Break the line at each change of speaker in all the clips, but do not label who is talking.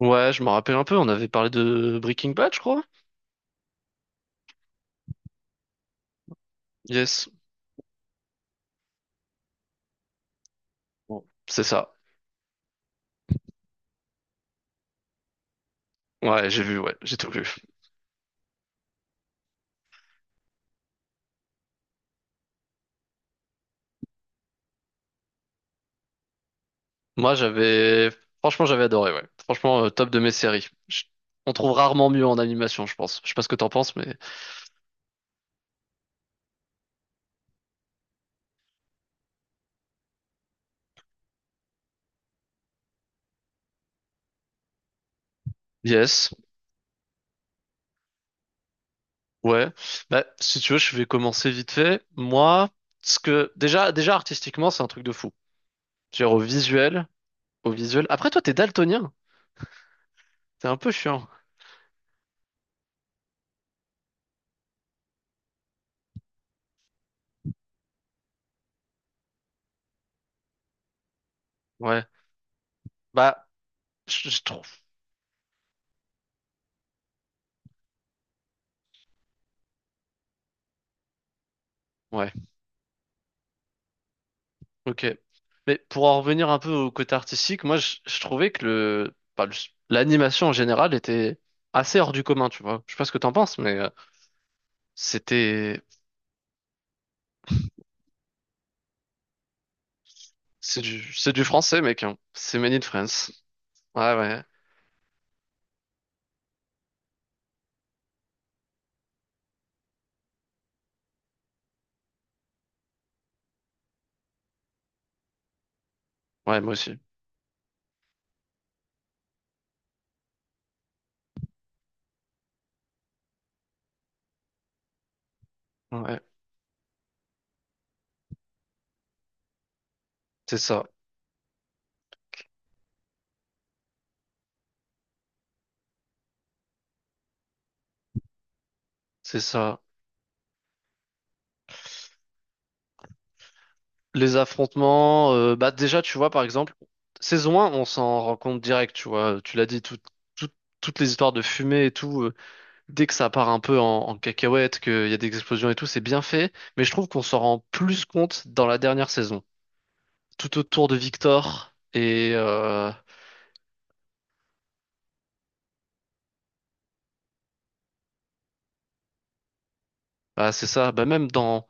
Ouais, je me rappelle un peu, on avait parlé de Breaking Bad, je crois. Yes. Bon, c'est ça. Ouais, j'ai vu, ouais, j'ai tout vu. Moi, j'avais... Franchement, j'avais adoré, ouais. Franchement, top de mes séries. On trouve rarement mieux en animation, je pense. Je sais pas ce que t'en penses, mais... Yes. Ouais. Bah, si tu veux, je vais commencer vite fait. Moi, ce que... Déjà artistiquement, c'est un truc de fou. Genre au visuel, au visuel. Après, toi, t'es daltonien. T'es un peu chiant. Ouais. Bah, je trouve... Ouais. Ok. Mais pour en revenir un peu au côté artistique, moi je trouvais que l'animation en général était assez hors du commun, tu vois. Je sais pas ce que t'en penses, mais c'était c'est du français, mec. Hein. C'est made in France. Ouais, ouais, ouais, moi aussi. Ouais, c'est ça, c'est ça. Les affrontements, bah déjà tu vois par exemple saison 1, on s'en rend compte direct, tu vois. Tu l'as dit, tout- toutes les histoires de fumée et tout. Dès que ça part un peu en, cacahuète, qu'il y a des explosions et tout, c'est bien fait, mais je trouve qu'on s'en rend plus compte dans la dernière saison. Tout autour de Victor, et bah, c'est ça, bah, même dans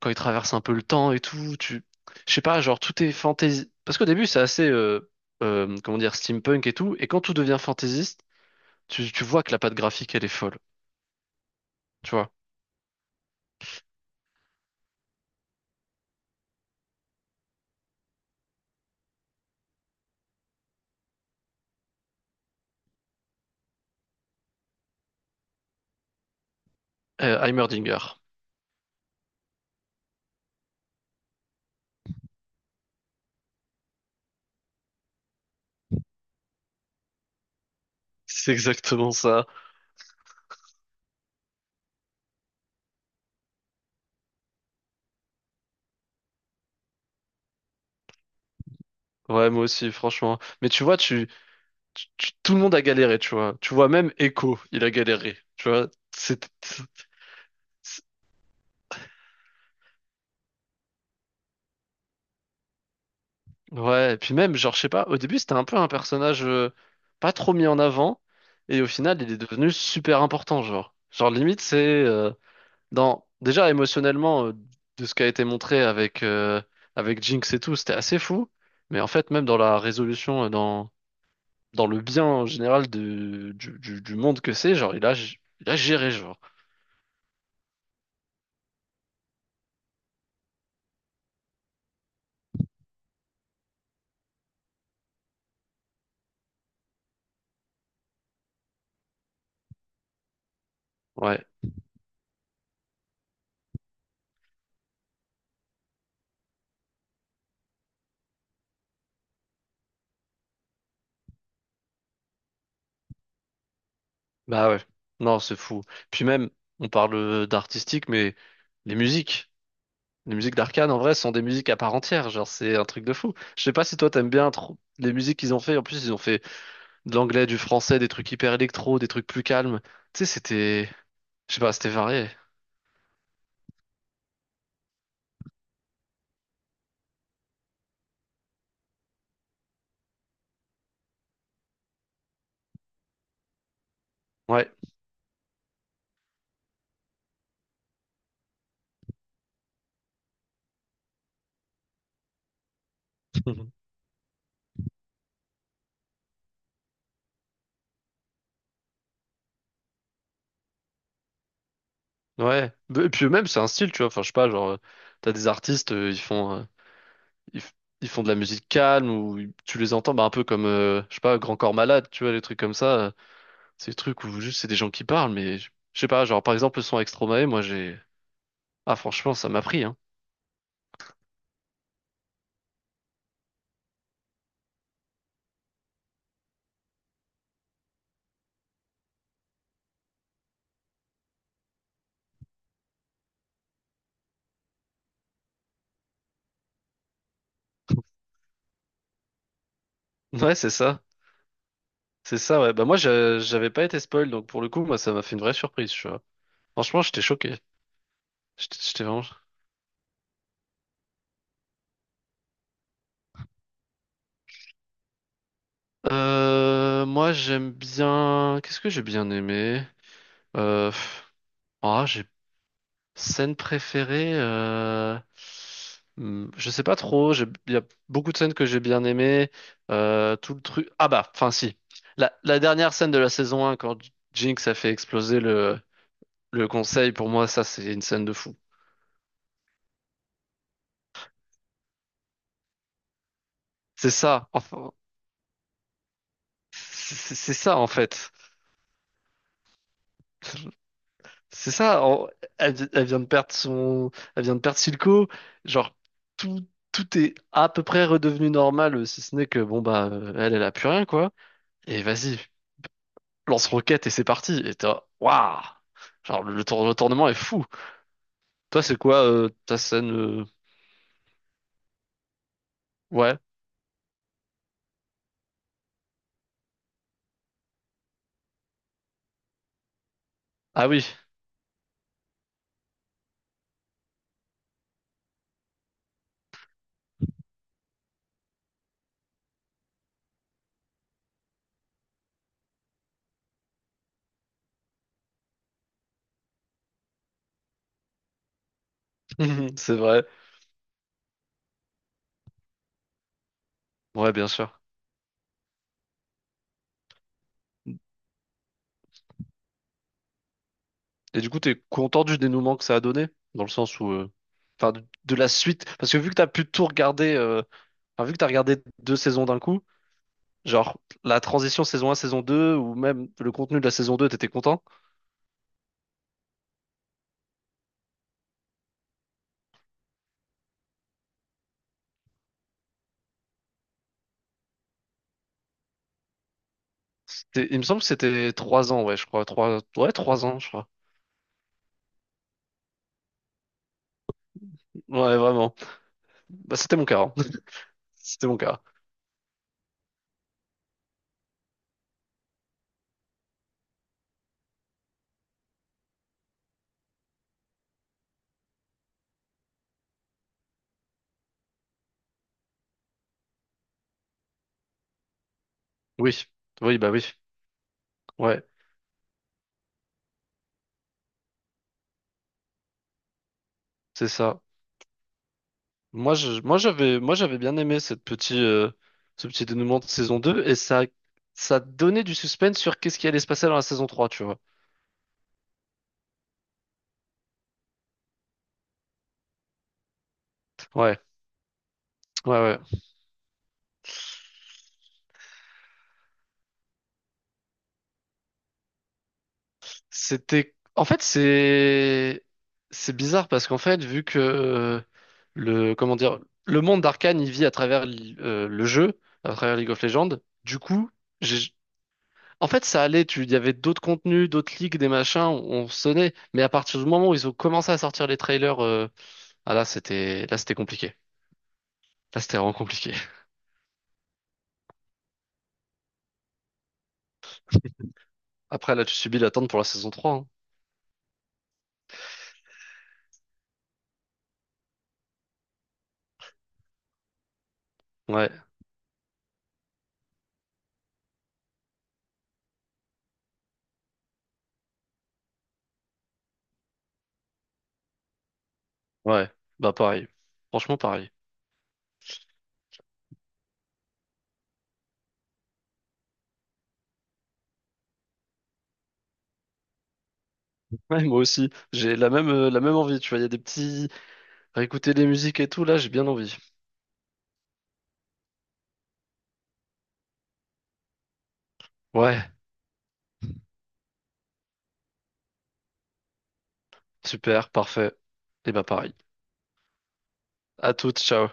quand il traverse un peu le temps et tout, tu... Je sais pas, genre tout est fantasy. Parce qu'au début, c'est assez, comment dire, steampunk et tout, et quand tout devient fantaisiste, tu vois que la patte graphique, elle est folle, tu vois. Heimerdinger. C'est exactement ça. Ouais, moi aussi, franchement. Mais tu vois, tout le monde a galéré, tu vois. Tu vois, même Echo, il a galéré, tu vois. C'est, c'est- c'est- ouais, et puis même, genre, je sais pas, au début, c'était un peu un personnage pas trop mis en avant, et au final, il est devenu super important, genre. Genre, limite, c'est euh, dans, déjà émotionnellement, de ce qui a été montré avec, avec Jinx et tout, c'était assez fou, mais en fait, même dans la résolution, dans le bien en général du monde que c'est, genre, il a géré, genre. Ouais. Bah ouais, non, c'est fou. Puis même, on parle d'artistique, mais les musiques, les musiques d'Arcane en vrai sont des musiques à part entière, genre c'est un truc de fou. Je sais pas si toi t'aimes bien trop les musiques qu'ils ont fait, en plus ils ont fait de l'anglais, du français, des trucs hyper électro, des trucs plus calmes. Tu sais, c'était, je sais pas, c'était varié. Ouais. Ouais. Et puis même c'est un style, tu vois, enfin je sais pas, genre t'as des artistes, ils, f- ils font de la musique calme ou tu les entends bah, un peu comme je sais pas, Grand Corps Malade, tu vois, des trucs comme ça. Ces trucs où juste c'est des gens qui parlent, mais je sais pas, genre par exemple le son avec Stromae, moi j'ai... Ah franchement, ça m'a pris, hein. Ouais, c'est ça. C'est ça, ouais. Bah moi j'avais pas été spoil, donc pour le coup, moi ça m'a fait une vraie surprise, tu vois. Franchement, j'étais choqué. J'étais vraiment... Moi j'aime bien... Qu'est-ce que j'ai bien aimé? Euh... pff, Ah, j'ai Scène préférée, je sais pas trop. Il y a beaucoup de scènes que j'ai bien aimées. Tout le truc. Ah bah, enfin si. La dernière scène de la saison 1, quand Jinx a fait exploser le conseil, pour moi, ça, c'est une scène de fou. C'est ça, enfin. C'est ça, en fait. C'est ça. en- Elle vient de perdre son. Elle vient de perdre Silco. Genre, tout, tout est à peu près redevenu normal, si ce n'est que, bon, bah, elle a plus rien, quoi. Et vas-y. Lance-roquette et c'est parti. Et t'es, là, waouh! Genre, le tournement est fou. Toi, c'est quoi ta scène. Ouais. Ah oui, c'est vrai. Ouais, bien sûr. Et du coup, t'es content du dénouement que ça a donné? Dans le sens où... Enfin, de la suite. Parce que vu que t'as pu tout regarder... Enfin, vu que t'as regardé deux saisons d'un coup, genre, la transition saison un saison 2 ou même le contenu de la saison 2 t'étais content? Il me semble que c'était 3 ans, ouais, je crois. Trois... Ouais, 3 ans, je crois. Ouais, vraiment. Bah, c'était mon cas. Hein. C'était mon cas. Oui, oui, bah oui, ouais, c'est ça. Moi, j'avais bien aimé ce petit dénouement de saison 2 et ça donnait du suspense sur qu'est-ce qui allait se passer dans la saison trois, tu vois. Ouais, ouais, ouais. C'était, en fait, c'est bizarre parce qu'en fait, vu que le, comment dire, le monde d'Arcane, il vit à travers le jeu, à travers League of Legends, du coup, j'ai. En fait, ça allait, il y avait d'autres contenus, d'autres leaks, des machins, on sonnait, mais à partir du moment où ils ont commencé à sortir les trailers, ah là, c'était compliqué. Là, c'était vraiment compliqué. Après, là, tu subis l'attente pour la saison trois. Hein. Ouais, ouais, bah pareil. Franchement, pareil. Ouais, moi aussi. J'ai la même envie, tu vois, il y a des petits, réécouter des musiques et tout, là, j'ai bien envie. Ouais, super, parfait. Et bah pareil. À toutes, ciao.